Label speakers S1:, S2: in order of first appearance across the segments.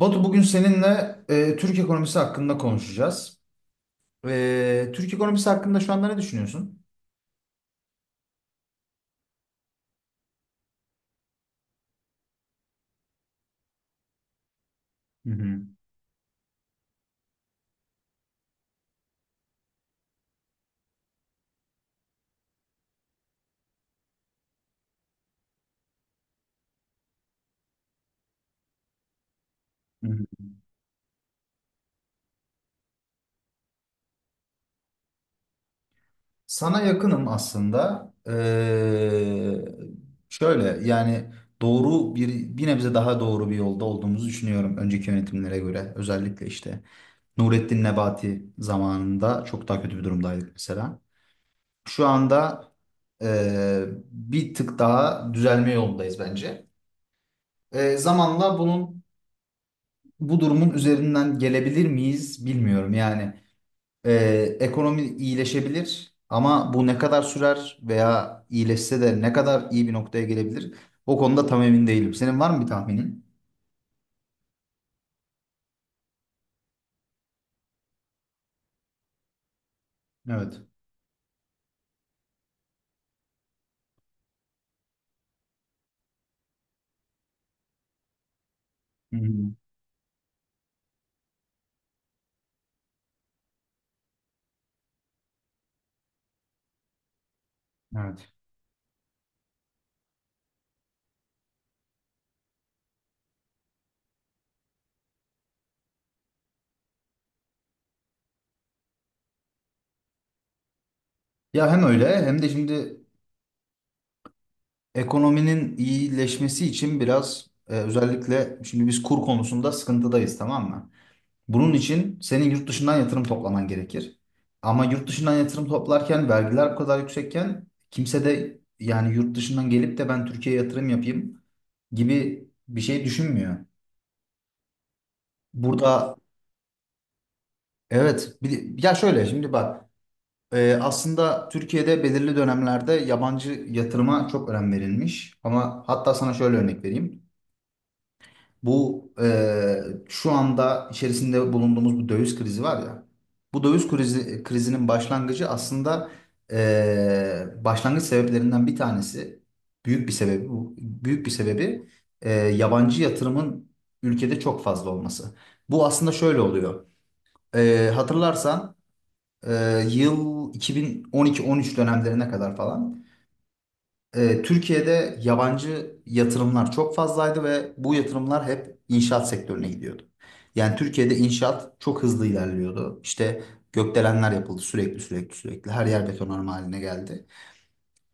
S1: Batu, bugün seninle Türk ekonomisi hakkında konuşacağız. Türk ekonomisi hakkında şu anda ne düşünüyorsun? Hı hı, hı hı. Sana yakınım aslında. Şöyle yani doğru bir nebze daha doğru bir yolda olduğumuzu düşünüyorum önceki yönetimlere göre. Özellikle işte Nurettin Nebati zamanında çok daha kötü bir durumdaydık mesela. Şu anda e, bir tık daha düzelme yolundayız bence. Zamanla bu durumun üzerinden gelebilir miyiz bilmiyorum. Yani e, ekonomi iyileşebilir, ama bu ne kadar sürer veya iyileşse de ne kadar iyi bir noktaya gelebilir? O konuda tam emin değilim. Senin var mı bir tahminin? Evet. Hı hı. Evet. Ya, hem öyle hem de şimdi ekonominin iyileşmesi için biraz özellikle şimdi biz kur konusunda sıkıntıdayız, tamam mı? Bunun için senin yurt dışından yatırım toplaman gerekir. Ama yurt dışından yatırım toplarken vergiler bu kadar yüksekken, kimse de yani yurt dışından gelip de "ben Türkiye'ye yatırım yapayım" gibi bir şey düşünmüyor. Burada, evet, ya şöyle şimdi bak, aslında Türkiye'de belirli dönemlerde yabancı yatırıma çok önem verilmiş. Ama hatta sana şöyle örnek vereyim. Bu şu anda içerisinde bulunduğumuz bu döviz krizi var ya. Bu krizinin başlangıcı aslında başlangıç sebeplerinden bir tanesi, büyük bir sebebi bu. Büyük bir sebebi yabancı yatırımın ülkede çok fazla olması. Bu aslında şöyle oluyor. Hatırlarsan yıl 2012-13 dönemlerine kadar falan Türkiye'de yabancı yatırımlar çok fazlaydı ve bu yatırımlar hep inşaat sektörüne gidiyordu. Yani Türkiye'de inşaat çok hızlı ilerliyordu. İşte gökdelenler yapıldı sürekli sürekli sürekli. Her yer betonarme haline geldi.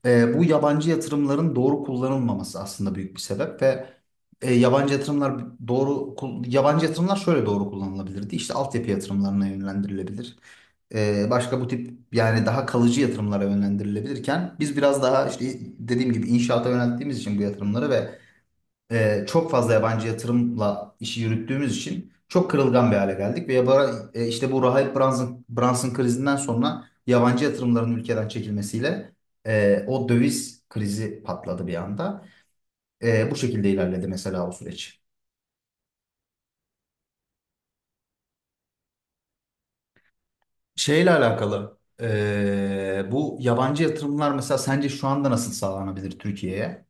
S1: Bu yabancı yatırımların doğru kullanılmaması aslında büyük bir sebep. Ve yabancı yatırımlar şöyle doğru kullanılabilirdi. İşte altyapı yatırımlarına yönlendirilebilir. Başka bu tip yani daha kalıcı yatırımlara yönlendirilebilirken biz biraz daha işte, dediğim gibi inşaata yönelttiğimiz için bu yatırımları ve çok fazla yabancı yatırımla işi yürüttüğümüz için çok kırılgan bir hale geldik ve işte bu Rahip Brunson, Brunson krizinden sonra yabancı yatırımların ülkeden çekilmesiyle o döviz krizi patladı bir anda. Bu şekilde ilerledi mesela o süreç. Şeyle alakalı, bu yabancı yatırımlar mesela sence şu anda nasıl sağlanabilir Türkiye'ye?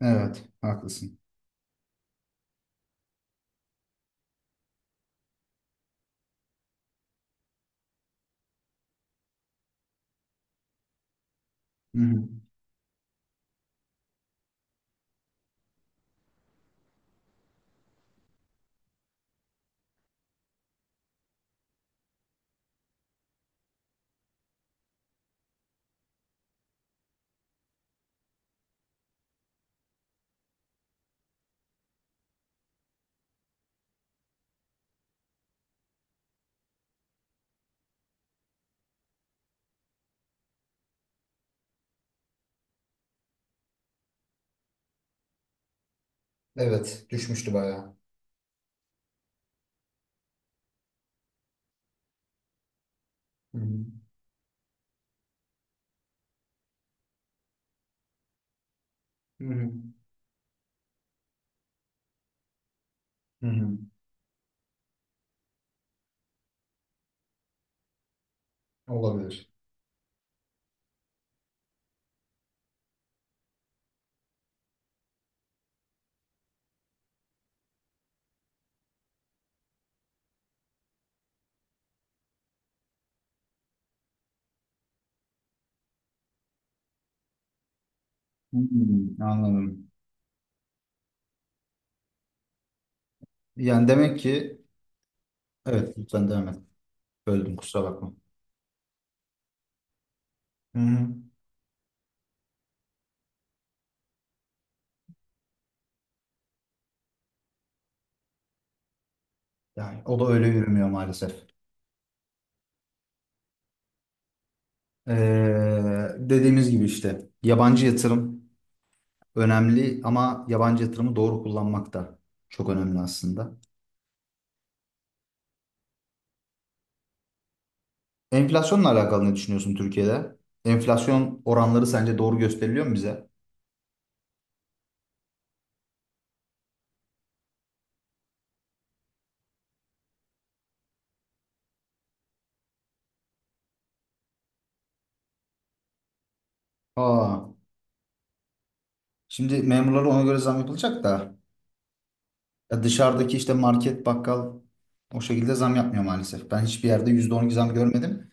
S1: Evet, haklısın. Hı hı. Evet, düşmüştü bayağı. Hı hı. Hı hı. Hı hı. Olabilir. Hmm, anladım. Yani demek ki, evet, lütfen devam et. Böldüm, kusura bakma. Hı hı. Yani o da öyle yürümüyor maalesef. Dediğimiz gibi, işte yabancı yatırım önemli ama yabancı yatırımı doğru kullanmak da çok önemli aslında. Enflasyonla alakalı ne düşünüyorsun Türkiye'de? Enflasyon oranları sence doğru gösteriliyor mu bize? Aa, şimdi memurlara ona göre zam yapılacak da, ya dışarıdaki işte market, bakkal o şekilde zam yapmıyor maalesef. Ben hiçbir yerde %12 zam görmedim.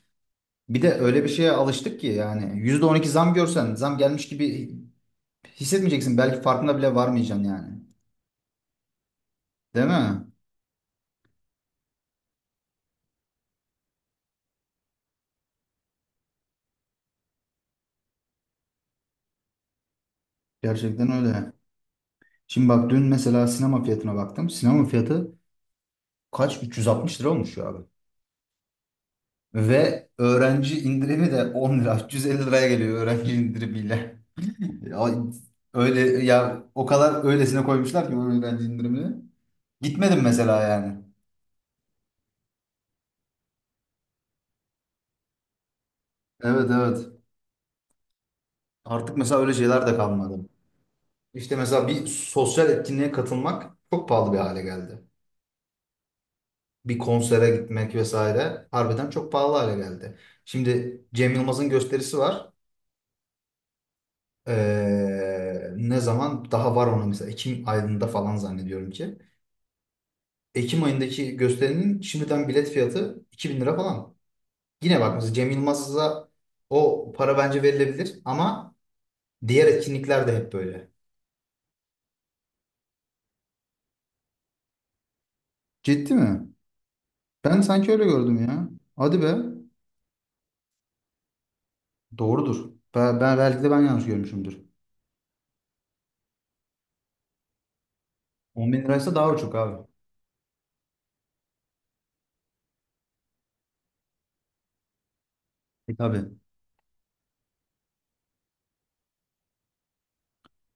S1: Bir de öyle bir şeye alıştık ki, yani %12 zam görsen zam gelmiş gibi hissetmeyeceksin. Belki farkına bile varmayacaksın yani. Değil mi? Gerçekten öyle. Şimdi bak, dün mesela sinema fiyatına baktım. Sinema fiyatı kaç? 360 lira olmuş ya abi. Ve öğrenci indirimi de 10 lira. 350 liraya geliyor öğrenci indirimiyle. Ya, öyle ya, o kadar öylesine koymuşlar ki öğrenci indirimini. Gitmedim mesela yani. Evet, evet. Artık mesela öyle şeyler de kalmadı. İşte mesela bir sosyal etkinliğe katılmak çok pahalı bir hale geldi. Bir konsere gitmek vesaire, harbiden çok pahalı hale geldi. Şimdi Cem Yılmaz'ın gösterisi var. Ne zaman daha var ona, mesela Ekim ayında falan zannediyorum ki. Ekim ayındaki gösterinin şimdiden bilet fiyatı 2.000 lira falan. Yine bak mesela Cem Yılmaz'a o para bence verilebilir ama diğer etkinlikler de hep böyle. Ciddi mi? Ben sanki öyle gördüm ya. Hadi be. Doğrudur. Belki de ben yanlış görmüşümdür. 10.000 liraysa daha uçuk abi. E tabii.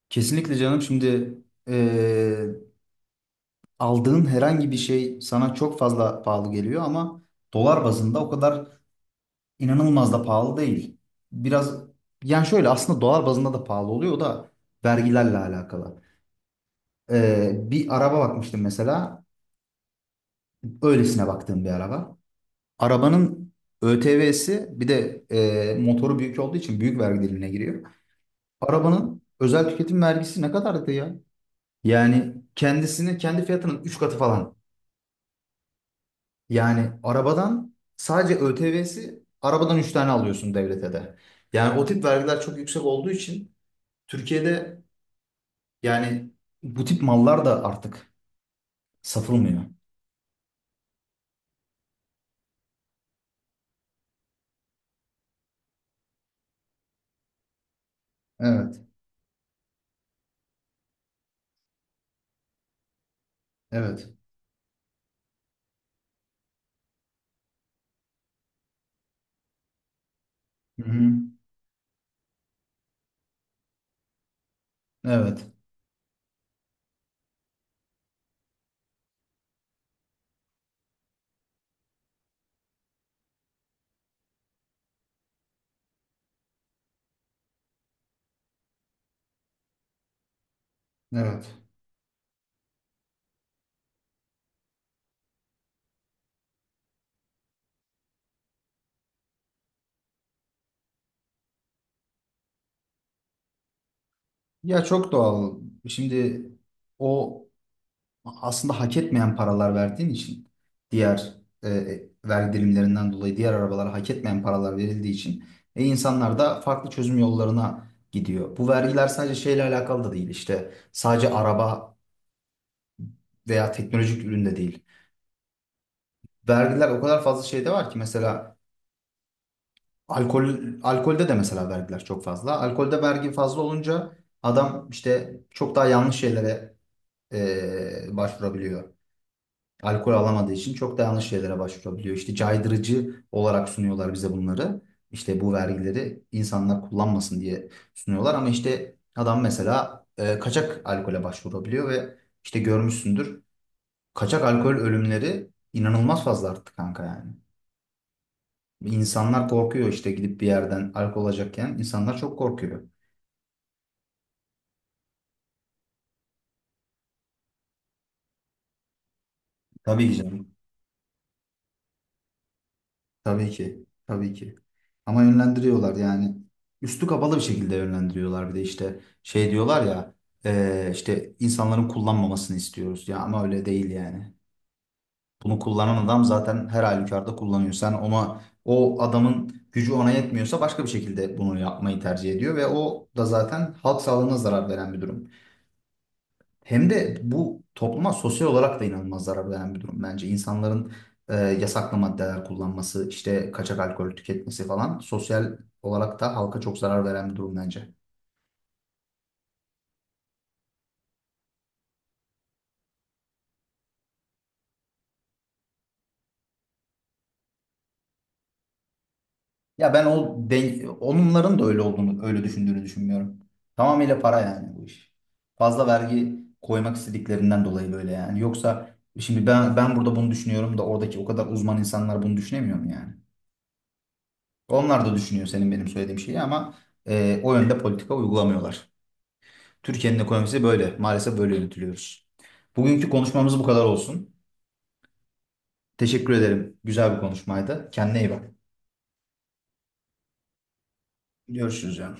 S1: Kesinlikle canım, şimdi eee aldığın herhangi bir şey sana çok fazla pahalı geliyor, ama dolar bazında o kadar inanılmaz da pahalı değil. Biraz, yani şöyle, aslında dolar bazında da pahalı oluyor, o da vergilerle alakalı. Bir araba bakmıştım mesela, öylesine baktığım bir araba. Arabanın ÖTV'si bir de, motoru büyük olduğu için büyük vergi dilimine giriyor. Arabanın özel tüketim vergisi ne kadardı ya? Yani kendisini kendi fiyatının 3 katı falan. Yani arabadan sadece ÖTV'si arabadan 3 tane alıyorsun devlete de. Yani o tip vergiler çok yüksek olduğu için Türkiye'de yani bu tip mallar da artık satılmıyor. Evet, evet. Hı hı. Evet, evet. Ya, çok doğal. Şimdi o aslında hak etmeyen paralar verdiğin için, diğer e, vergi dilimlerinden dolayı diğer arabalara hak etmeyen paralar verildiği için, insanlar da farklı çözüm yollarına gidiyor. Bu vergiler sadece şeyle alakalı da değil, işte sadece araba veya teknolojik üründe değil. Vergiler o kadar fazla şeyde var ki, mesela alkol alkolde de mesela vergiler çok fazla. Alkolde vergi fazla olunca adam işte çok daha yanlış şeylere başvurabiliyor. Alkol alamadığı için çok da yanlış şeylere başvurabiliyor. İşte caydırıcı olarak sunuyorlar bize bunları. İşte bu vergileri insanlar kullanmasın diye sunuyorlar, ama işte adam mesela kaçak alkole başvurabiliyor ve işte, görmüşsündür. Kaçak alkol ölümleri inanılmaz fazla arttı kanka yani. İnsanlar korkuyor işte, gidip bir yerden alkol alacakken insanlar çok korkuyor. Tabii ki canım. Tabii ki. Tabii ki. Ama yönlendiriyorlar yani. Üstü kapalı bir şekilde yönlendiriyorlar, bir de işte şey diyorlar ya, işte "insanların kullanmamasını istiyoruz" ya, ama öyle değil yani. Bunu kullanan adam zaten her halükarda kullanıyor. Sen ona, o adamın gücü ona yetmiyorsa başka bir şekilde bunu yapmayı tercih ediyor, ve o da zaten halk sağlığına zarar veren bir durum. Hem de bu topluma sosyal olarak da inanılmaz zarar veren bir durum bence. İnsanların yasaklı maddeler kullanması, işte kaçak alkol tüketmesi falan sosyal olarak da halka çok zarar veren bir durum bence. Ya ben onların da öyle olduğunu, öyle düşündüğünü düşünmüyorum. Tamamıyla para yani bu iş. Fazla vergi koymak istediklerinden dolayı böyle yani. Yoksa şimdi ben burada bunu düşünüyorum da oradaki o kadar uzman insanlar bunu düşünemiyor mu yani? Onlar da düşünüyor senin benim söylediğim şeyi, ama o yönde politika uygulamıyorlar. Türkiye'nin ekonomisi böyle. Maalesef böyle yönetiliyoruz. Bugünkü konuşmamız bu kadar olsun. Teşekkür ederim. Güzel bir konuşmaydı. Kendine iyi bak. Görüşürüz yani.